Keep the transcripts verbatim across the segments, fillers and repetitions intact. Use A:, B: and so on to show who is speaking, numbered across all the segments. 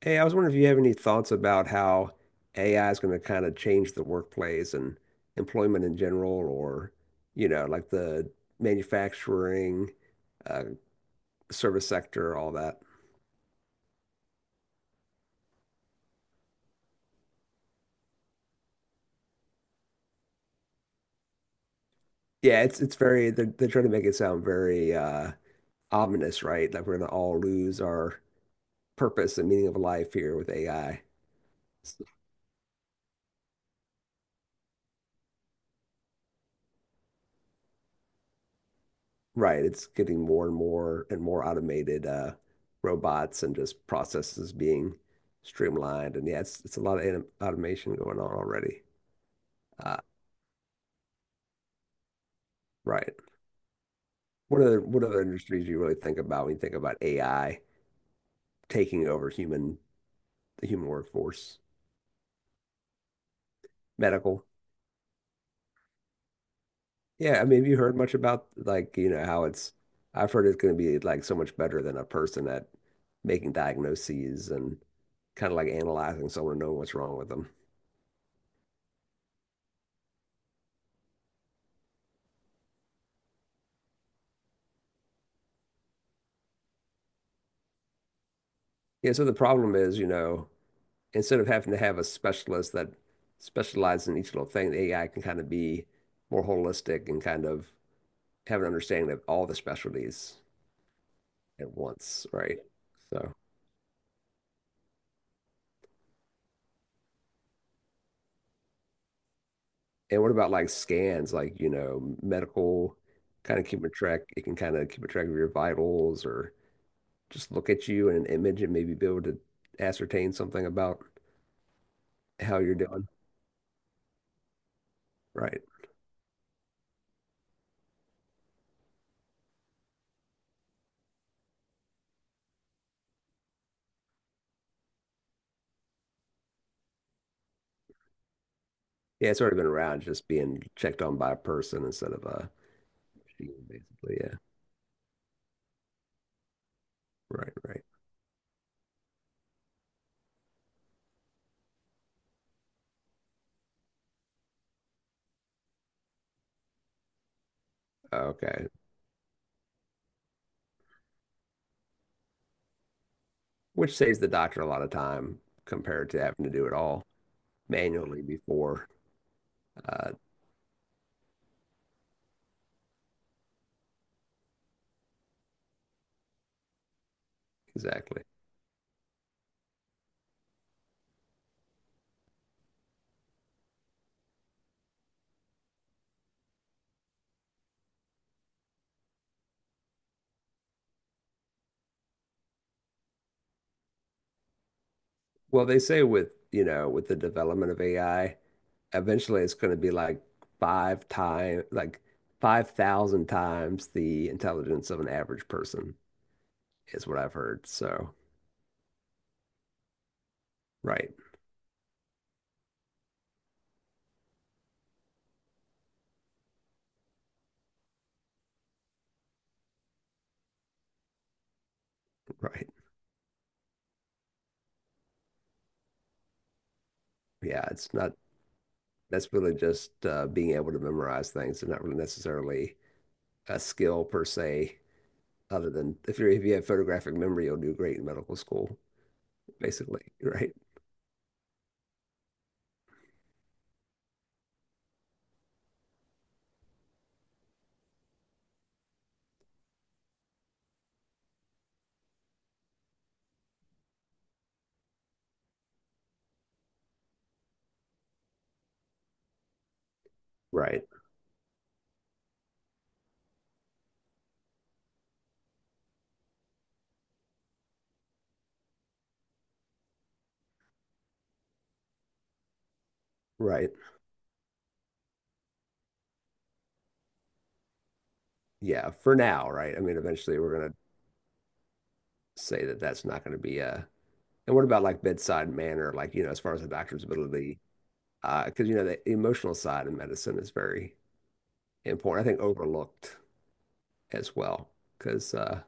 A: Hey, I was wondering if you have any thoughts about how A I is going to kind of change the workplace and employment in general, or, you know, like the manufacturing, uh, service sector, all that. Yeah, it's it's very they're, they're trying to make it sound very uh, ominous, right? Like we're going to all lose our purpose and meaning of life here with A I. Right. It's getting more and more and more automated, uh, robots and just processes being streamlined. And yeah, it's it's a lot of anim- automation going on already. Uh, right. What other what other industries do you really think about when you think about A I taking over human the human workforce? Medical. Yeah, I mean, have you heard much about like, you know, how it's I've heard it's going to be like so much better than a person at making diagnoses and kind of like analyzing someone and knowing what's wrong with them. Yeah, so the problem is, you know, instead of having to have a specialist that specializes in each little thing, the A I can kind of be more holistic and kind of have an understanding of all the specialties at once, right? So, and what about like scans, like, you know, medical kind of keeping track, it can kind of keep a track of your vitals or just look at you in an image and maybe be able to ascertain something about how you're doing, right? Yeah, it's already been around just being checked on by a person instead of a machine, basically. Yeah, right, right. Okay. Which saves the doctor a lot of time compared to having to do it all manually before. Uh, exactly. Well, they say with, you know, with the development of A I, eventually it's going to be like five time, like five thousand times the intelligence of an average person is what I've heard. So, right, right. Yeah, it's not, that's really just uh, being able to memorize things and not really necessarily a skill per se, other than if you're, if you have photographic memory, you'll do great in medical school, basically, right? Right. Right. Yeah. For now, right? I mean, eventually we're going to say that that's not going to be a. And what about like bedside manner, like, you know, as far as the doctor's ability? Because, uh, you know, the emotional side of medicine is very important. I think overlooked as well. Because, uh,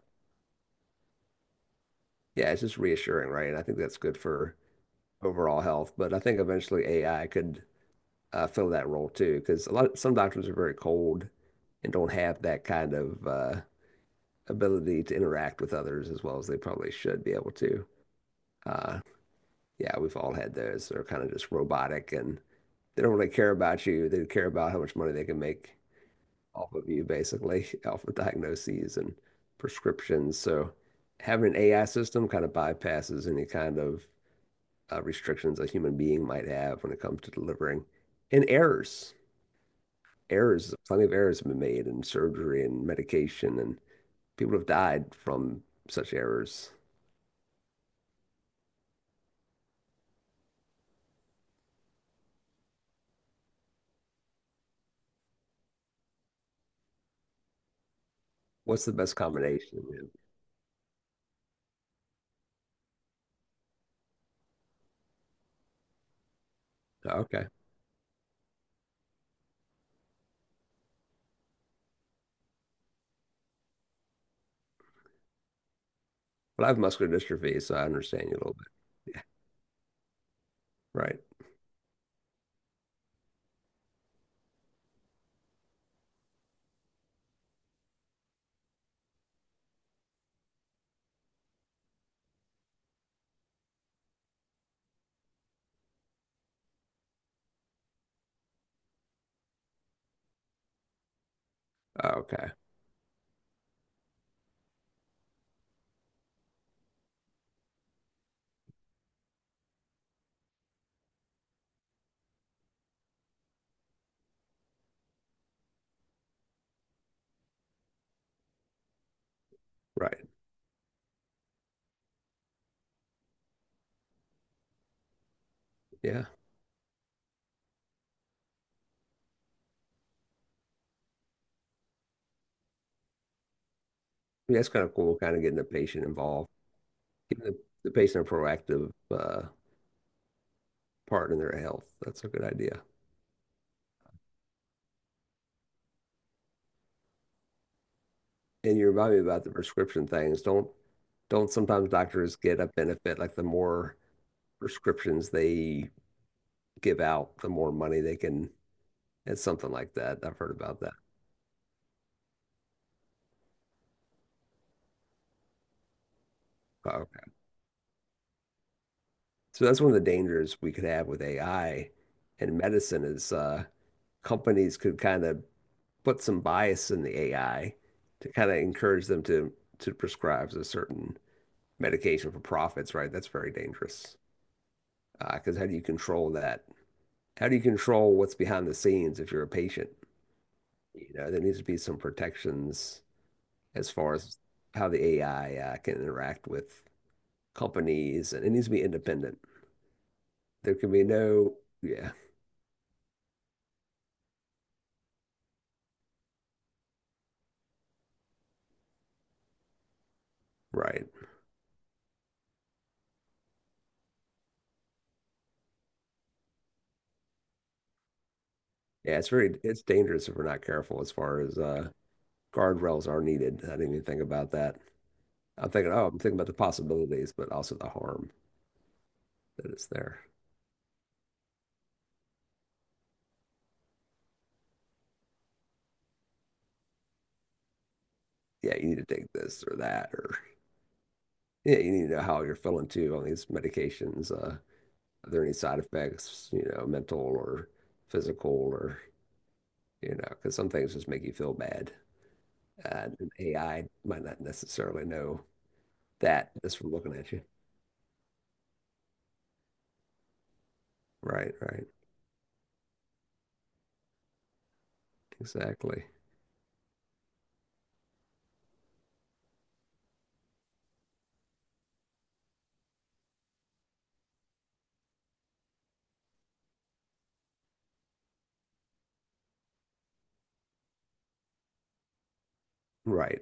A: yeah, it's just reassuring, right? And I think that's good for overall health. But I think eventually A I could, uh, fill that role too, because a lot some doctors are very cold and don't have that kind of, uh, ability to interact with others as well as they probably should be able to. Uh, yeah, we've all had those. They're kind of just robotic and they don't really care about you. They care about how much money they can make off of you, basically, off of diagnoses and prescriptions. So having an A I system kind of bypasses any kind of, uh, restrictions a human being might have when it comes to delivering. And errors, errors, plenty of errors have been made in surgery and medication, and people have died from such errors. What's the best combination? Okay. Well, I have muscular dystrophy, so I understand you a little bit. Right. Okay. Right. Yeah. Yeah, that's kind of cool, kind of getting the patient involved, getting the, the patient a proactive, uh, part in their health. That's a good idea. And you remind me about the prescription things. Don't don't sometimes doctors get a benefit like the more prescriptions they give out, the more money they can. It's something like that. I've heard about that. Okay. So that's one of the dangers we could have with A I and medicine is, uh, companies could kind of put some bias in the A I to kind of encourage them to to prescribe a certain medication for profits, right? That's very dangerous. Because uh, how do you control that? How do you control what's behind the scenes if you're a patient? You know, there needs to be some protections as far as how the A I, uh, can interact with companies, and it needs to be independent. There can be no, yeah, right. Yeah, it's very, it's dangerous if we're not careful as far as, uh, guardrails are needed. I didn't even think about that. I'm thinking, oh, I'm thinking about the possibilities, but also the harm that is there. Yeah, you need to take this or that, or yeah, you need to know how you're feeling too on these medications. Uh, are there any side effects, you know, mental or physical, or, you know, because some things just make you feel bad. Uh, and A I might not necessarily know that just from looking at you. Right, right. Exactly. Right.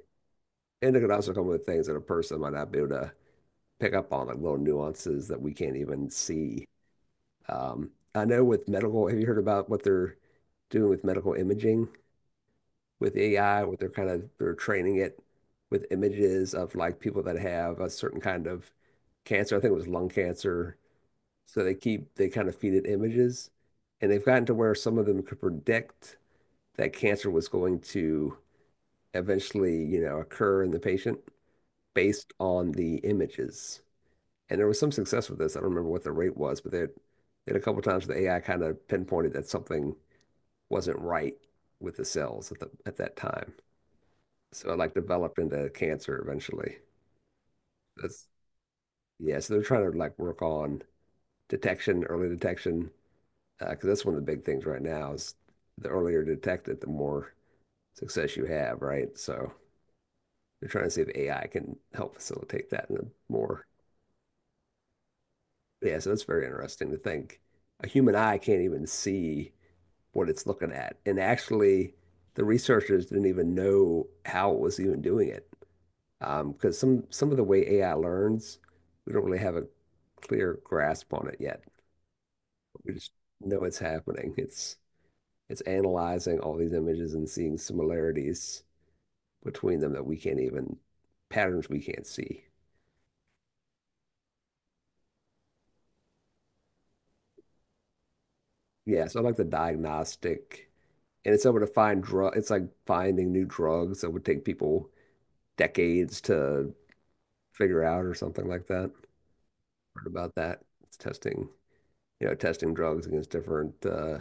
A: And it could also come with things that a person might not be able to pick up on, like little nuances that we can't even see. Um, I know with medical, have you heard about what they're doing with medical imaging with A I, what they're kind of they're training it with images of like people that have a certain kind of cancer. I think it was lung cancer. So they keep they kind of feed it images, and they've gotten to where some of them could predict that cancer was going to eventually, you know, occur in the patient based on the images. And there was some success with this. I don't remember what the rate was, but they had, they had a couple times where the A I kind of pinpointed that something wasn't right with the cells at the at that time. So it like developed into cancer eventually. That's yeah. So they're trying to like work on detection, early detection, because that's one of the big things right now is the earlier detected, the more success you have, right? So they're trying to see if A I can help facilitate that in a more yeah. So that's very interesting to think. A human eye can't even see what it's looking at. And actually, the researchers didn't even know how it was even doing it. Because um, some, some of the way A I learns, we don't really have a clear grasp on it yet. We just know it's happening. It's it's analyzing all these images and seeing similarities between them that we can't even, patterns we can't see. Yeah, so I like the diagnostic, and it's able to find drug. It's like finding new drugs that would take people decades to figure out or something like that. Heard about that. It's testing, you know, testing drugs against different, uh,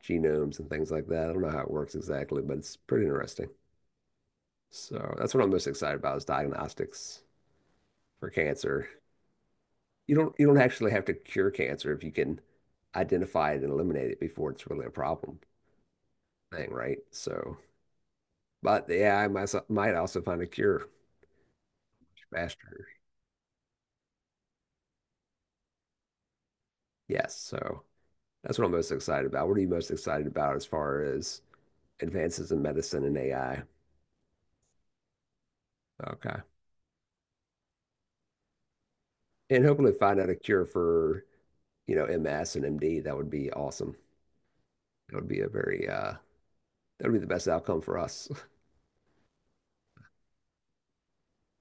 A: genomes and things like that. I don't know how it works exactly, but it's pretty interesting. So that's what I'm most excited about is diagnostics for cancer. You don't you don't actually have to cure cancer if you can identify it and eliminate it before it's really a problem thing, right? So, but the A I might, so, might also find a cure faster. Yes, so that's what I'm most excited about. What are you most excited about as far as advances in medicine and A I? Okay. And hopefully find out a cure for, you know, M S and M D. That would be awesome. That would be a very uh that would be the best outcome for us.